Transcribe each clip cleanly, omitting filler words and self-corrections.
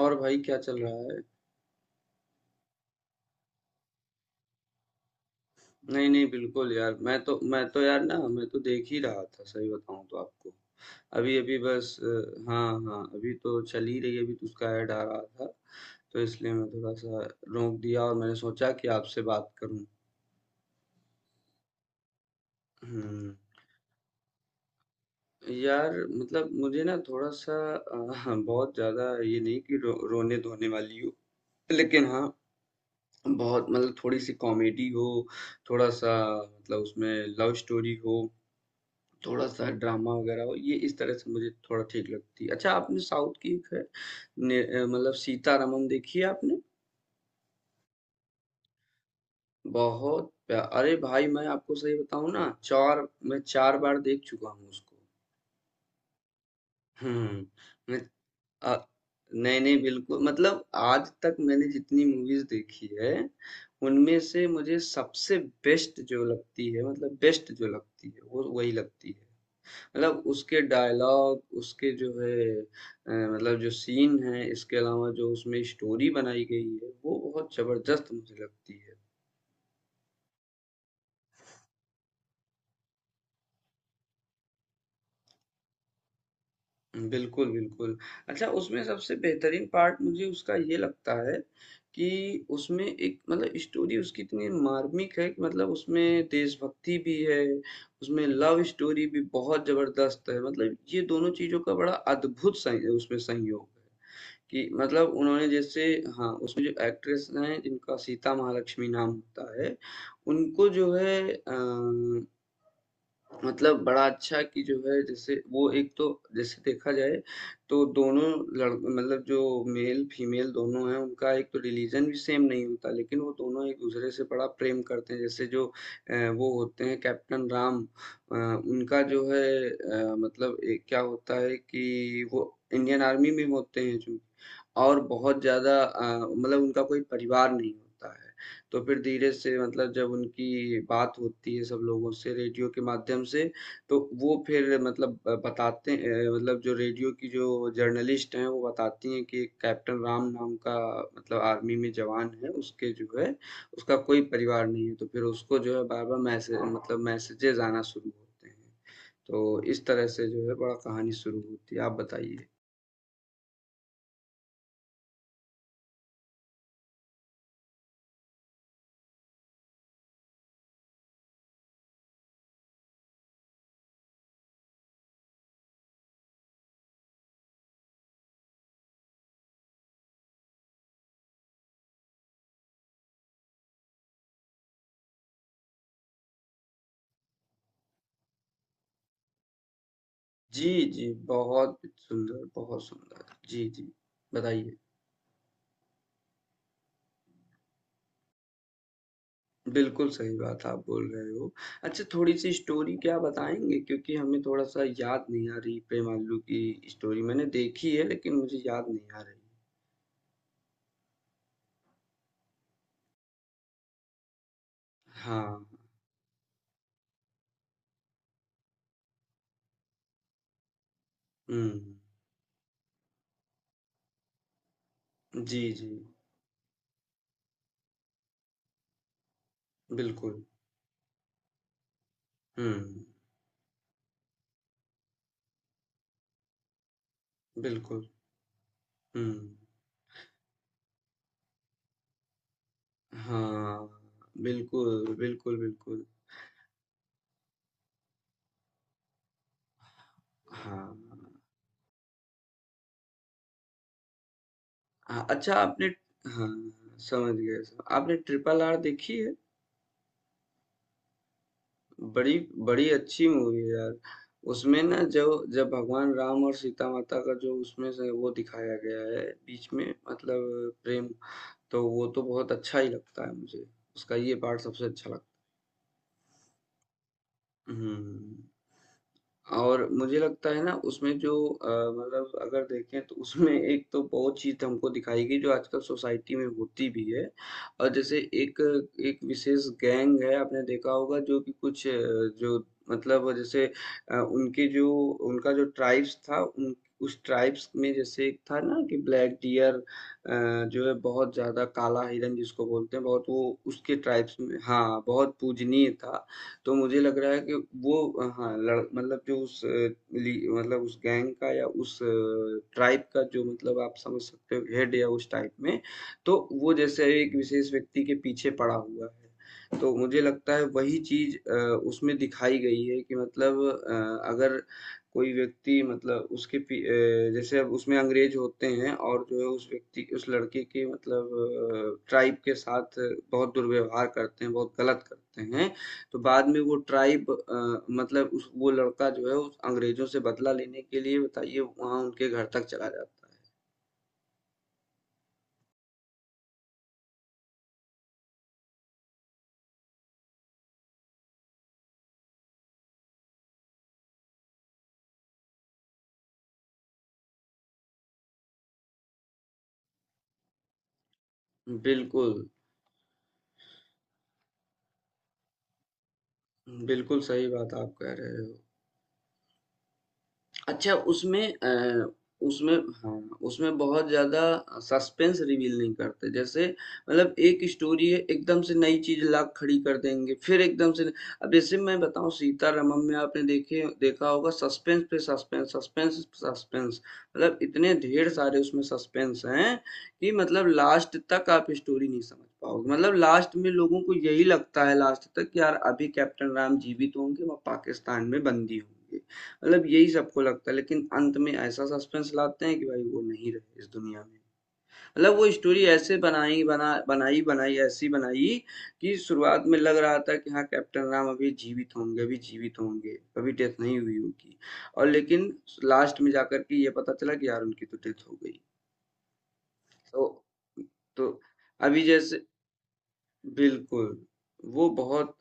और भाई क्या चल रहा है। नहीं नहीं बिल्कुल यार मैं तो यार ना मैं तो देख ही रहा था, सही बताऊं तो आपको। अभी अभी बस हाँ हाँ अभी तो चल ही रही है, अभी तो उसका ऐड आ रहा था तो इसलिए मैं थोड़ा सा रोक दिया और मैंने सोचा कि आपसे बात करूं। हम्म। यार मतलब मुझे ना थोड़ा सा बहुत ज्यादा ये नहीं कि रोने धोने वाली हो, लेकिन हाँ, बहुत मतलब थोड़ी सी कॉमेडी हो, थोड़ा सा मतलब उसमें लव स्टोरी हो, थोड़ा-सा ड्रामा वगैरह हो, ये इस तरह से मुझे थोड़ा ठीक लगती है। अच्छा आपने साउथ की एक है ने मतलब सीतारामम देखी है आपने? बहुत प्या अरे भाई मैं आपको सही बताऊँ ना 4 मैं 4 बार देख चुका हूँ उसको। हुँ, मैं अ, नहीं, नहीं बिल्कुल मतलब आज तक मैंने जितनी मूवीज़ देखी है, उनमें से मुझे सबसे बेस्ट जो लगती है, मतलब बेस्ट जो लगती है, वो वही लगती है। मतलब उसके डायलॉग, उसके जो है मतलब जो सीन है, इसके अलावा जो उसमें स्टोरी बनाई गई है वो बहुत जबरदस्त मुझे लगती है। बिल्कुल बिल्कुल। अच्छा उसमें सबसे बेहतरीन पार्ट मुझे उसका ये लगता है कि उसमें एक मतलब स्टोरी उसकी इतनी मार्मिक है कि मतलब उसमें देशभक्ति भी है, उसमें लव स्टोरी भी बहुत जबरदस्त है, मतलब ये दोनों चीजों का बड़ा अद्भुत उसमें संयोग है कि मतलब उन्होंने जैसे हाँ, उसमें जो एक्ट्रेस हैं जिनका सीता महालक्ष्मी नाम होता है, उनको जो है मतलब बड़ा अच्छा कि जो है जैसे वो एक तो, जैसे देखा जाए तो दोनों लड़ मतलब जो मेल फीमेल दोनों हैं, उनका एक तो रिलीजन भी सेम नहीं होता, लेकिन वो दोनों एक दूसरे से बड़ा प्रेम करते हैं। जैसे जो वो होते हैं कैप्टन राम, उनका जो है मतलब एक क्या होता है कि वो इंडियन आर्मी में होते हैं जो, और बहुत ज़्यादा मतलब उनका कोई परिवार नहीं होता है। तो फिर धीरे से मतलब जब उनकी बात होती है सब लोगों से रेडियो के माध्यम से, तो वो फिर मतलब मतलब जो रेडियो की जो जर्नलिस्ट हैं, वो बताती हैं कि एक कैप्टन राम नाम का मतलब आर्मी में जवान है, उसके जो है उसका कोई परिवार नहीं है। तो फिर उसको जो है बार-बार मैसेज मतलब मैसेजेज़ आना शुरू होते हैं। तो इस तरह से जो है बड़ा कहानी शुरू होती है। आप बताइए? जी, जी, बहुत सुंदर, बहुत सुंदर। जी, जी, बताइए। बिल्कुल सही बात आप बोल रहे हो। अच्छा थोड़ी-सी स्टोरी क्या बताएँगे? क्योंकि हमें थोड़ा-सा याद नहीं आ रही प्रेम आलू की स्टोरी। मैंने देखी है लेकिन मुझे याद नहीं आ रही। हाँ, हुँ। जी, जी, बिल्कुल। हुँ, बिल्कुल। हुँ। हाँ, बिल्कुल, बिल्कुल, बिल्कुल। हाँ, हाँ, अच्छा आपने हाँ, समझ गए। सर, आपने ट्रिपल आर देखी है? बड़ी बड़ी अच्छी मूवी है यार। उसमें ना जो जब भगवान राम और सीता माता का जो उसमें से वो दिखाया गया है बीच में मतलब प्रेम, तो वो तो बहुत अच्छा ही लगता है मुझे। उसका ये पार्ट सबसे अच्छा लगता। हुँ। और मुझे लगता है ना उसमें जो मतलब अगर देखें तो उसमें एक तो बहुत चीज़ तो हमको दिखाई गई जो आजकल सोसाइटी में होती भी है। और जैसे एक एक विशेष गैंग है, आपने देखा होगा, जो कि कुछ जो मतलब जैसे उनके जो उनका जो ट्राइब्स था, उन उस ट्राइब्स में जैसे एक था ना कि ब्लैक डियर, जो है बहुत ज़्यादा काला हिरन जिसको बोलते हैं, बहुत वो उसके ट्राइब्स में हाँ, बहुत पूजनीय था। तो मुझे लग रहा है कि वो हाँ लड़ मतलब जो उस ली मतलब उस गैंग का या उस ट्राइब का जो मतलब आप समझ सकते हो हेड या उस टाइप में, तो वो जैसे एक विशेष व्यक्ति के पीछे पड़ा हुआ है। तो मुझे लगता है वही चीज उसमें दिखाई गई है कि मतलब अगर कोई व्यक्ति मतलब उसके जैसे अब उसमें अंग्रेज होते हैं, और जो है उस व्यक्ति उस लड़के के मतलब ट्राइब के साथ बहुत दुर्व्यवहार करते हैं, बहुत गलत करते हैं, तो बाद में वो ट्राइब मतलब उस वो लड़का जो है उस अंग्रेजों से बदला लेने के लिए बताइए वहाँ उनके घर तक चला जाता है। बिल्कुल, बिल्कुल सही बात आप कह रहे हो। अच्छा उसमें उसमें हाँ, उसमें बहुत ज़्यादा सस्पेंस रिवील नहीं करते। जैसे मतलब एक स्टोरी है, एकदम से नई चीज़ ला खड़ी कर देंगे, फिर एकदम से अब जैसे मैं बताऊँ सीतारामम में आपने देखे देखा होगा सस्पेंस पे सस्पेंस, सस्पेंस पे सस्पेंस, मतलब इतने ढेर सारे उसमें सस्पेंस हैं कि मतलब लास्ट तक आप स्टोरी नहीं समझ पाओगे। मतलब लास्ट में लोगों को यही लगता है लास्ट तक कि यार अभी कैप्टन राम जीवित होंगे, वो पाकिस्तान में बंदी होंगे। मतलब यही सबको लगता है लेकिन अंत में ऐसा सस्पेंस लाते हैं कि भाई वो नहीं रहे इस दुनिया में। मतलब वो स्टोरी ऐसे बनाई बना बनाई बनाई ऐसी बनाई कि शुरुआत में लग रहा था कि हाँ कैप्टन राम अभी जीवित होंगे, अभी जीवित होंगे, अभी डेथ नहीं हुई होगी, और लेकिन लास्ट में जाकर के ये पता चला कि यार उनकी तो डेथ हो गई। तो तो अभी जैसे बिल्कुल वो बहुत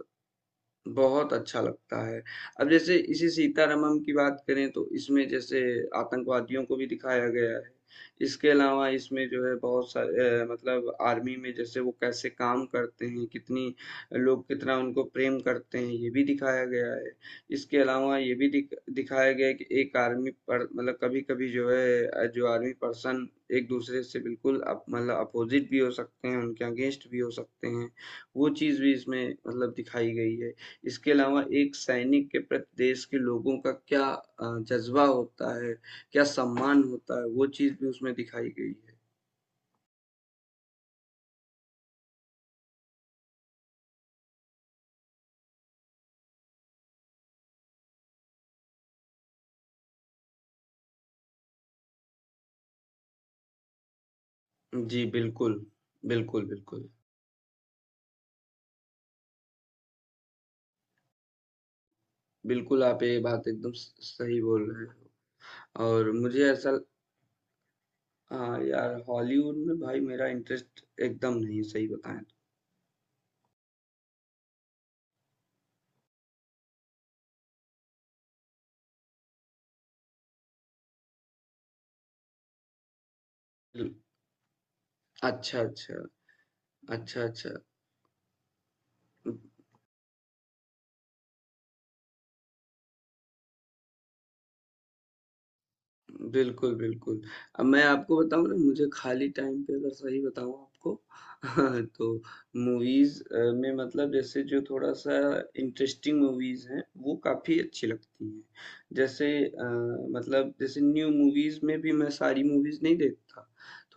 बहुत अच्छा लगता है। अब जैसे इसी सीतारमण की बात करें तो इसमें जैसे आतंकवादियों को भी दिखाया गया है। इसके अलावा इसमें जो है बहुत सारे मतलब आर्मी में जैसे वो कैसे काम करते हैं, कितनी लोग कितना उनको प्रेम करते हैं, ये भी दिखाया गया है। इसके अलावा ये भी दिखाया गया है कि एक आर्मी पर मतलब कभी-कभी जो है जो आर्मी पर्सन एक-दूसरे से बिल्कुल अप मतलब अपोज़िट भी हो सकते हैं, उनके अगेंस्ट भी हो सकते हैं। वो चीज़ भी इसमें मतलब दिखाई गई है। इसके अलावा एक सैनिक के प्रति देश के लोगों का क्या जज़्बा होता है, क्या सम्मान होता है, वो चीज़ भी उसमें दिखाई गई है। जी, बिल्कुल। बिल्कुल, बिल्कुल। बिल्कुल, आप ये बात एकदम स सही बोल रहे हो। और मुझे ऐसा हाँ, यार हॉलीवुड में भाई मेरा इंटरेस्ट एकदम नहीं है, सही बताएँ तो। अच्छा, अच्छा। अच्छा, अच्छा। बिल्कुल, बिल्कुल। अब मैं आपको बताऊँ ना मुझे खाली टाइम पे अगर सही बताऊँ आपको तो मूवीज़ में मतलब जैसे जो थोड़ा-सा इंटरेस्टिंग मूवीज़ हैं, वो काफ़ी अच्छी लगती हैं। जैसे मतलब जैसे न्यू मूवीज़ में भी मैं सारी मूवीज़ नहीं देखता।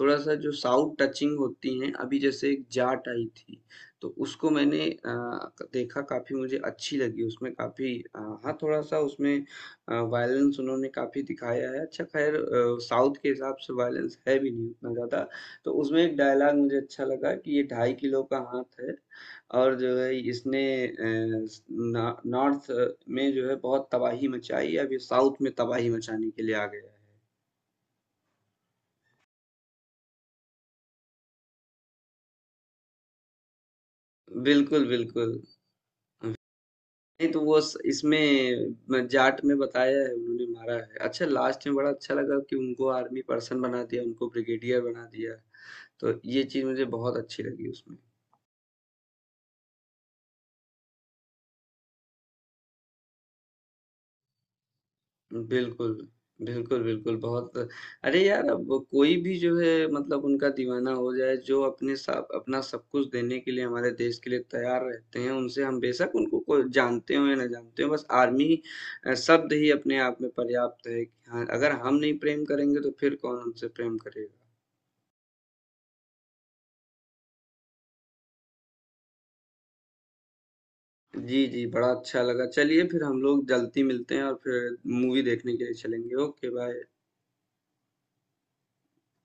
थोड़ा-सा जो साउथ टचिंग होती हैं, अभी जैसे एक जाट आई थी, तो उसको मैंने अ, क देखा, काफ़ी मुझे अच्छी लगी उसमें काफ़ी हाँ, थोड़ा-सा उसमें वायलेंस उन्होंने काफ़ी दिखाया है। अच्छा ख़ैर साउथ के हिसाब से वायलेंस है भी नहीं उतना ज़्यादा। तो उसमें एक डायलॉग मुझे अच्छा लगा कि ये ढाई किलो का हाथ है, और जो है इसने अ, स ना नॉर्थ में जो है बहुत तबाही मचाई, अब ये साउथ में तबाही मचाने के लिए आ गया है। बिल्कुल, बिल्कुल। नहीं तो वो इसमें जाट में बताया है उन्होंने मारा है, अच्छा लास्ट में बड़ा अच्छा लगा कि उनको आर्मी पर्सन बना दिया, उनको ब्रिगेडियर बना दिया। तो ये चीज मुझे बहुत अच्छी लगी उसमें। बिल्कुल, बिल्कुल, बिल्कुल, बहुत अरे यार, अब कोई भी जो है मतलब उनका दीवाना हो जाए, जो अपने साथ अपना सब कुछ देने के लिए हमारे देश के लिए तैयार रहते हैं, उनसे हम बेशक उनको को जानते हों या ना जानते हों, बस आर्मी शब्द ही अपने आप में पर्याप्त है कि हाँ, अगर हम नहीं प्रेम करेंगे, तो फिर कौन हमसे प्रेम करेगा। जी, जी, बड़ा अच्छा लगा। चलिए फिर हम लोग जल्दी मिलते हैं और फिर मूवी देखने के लिए चलेंगे। Okay, bye.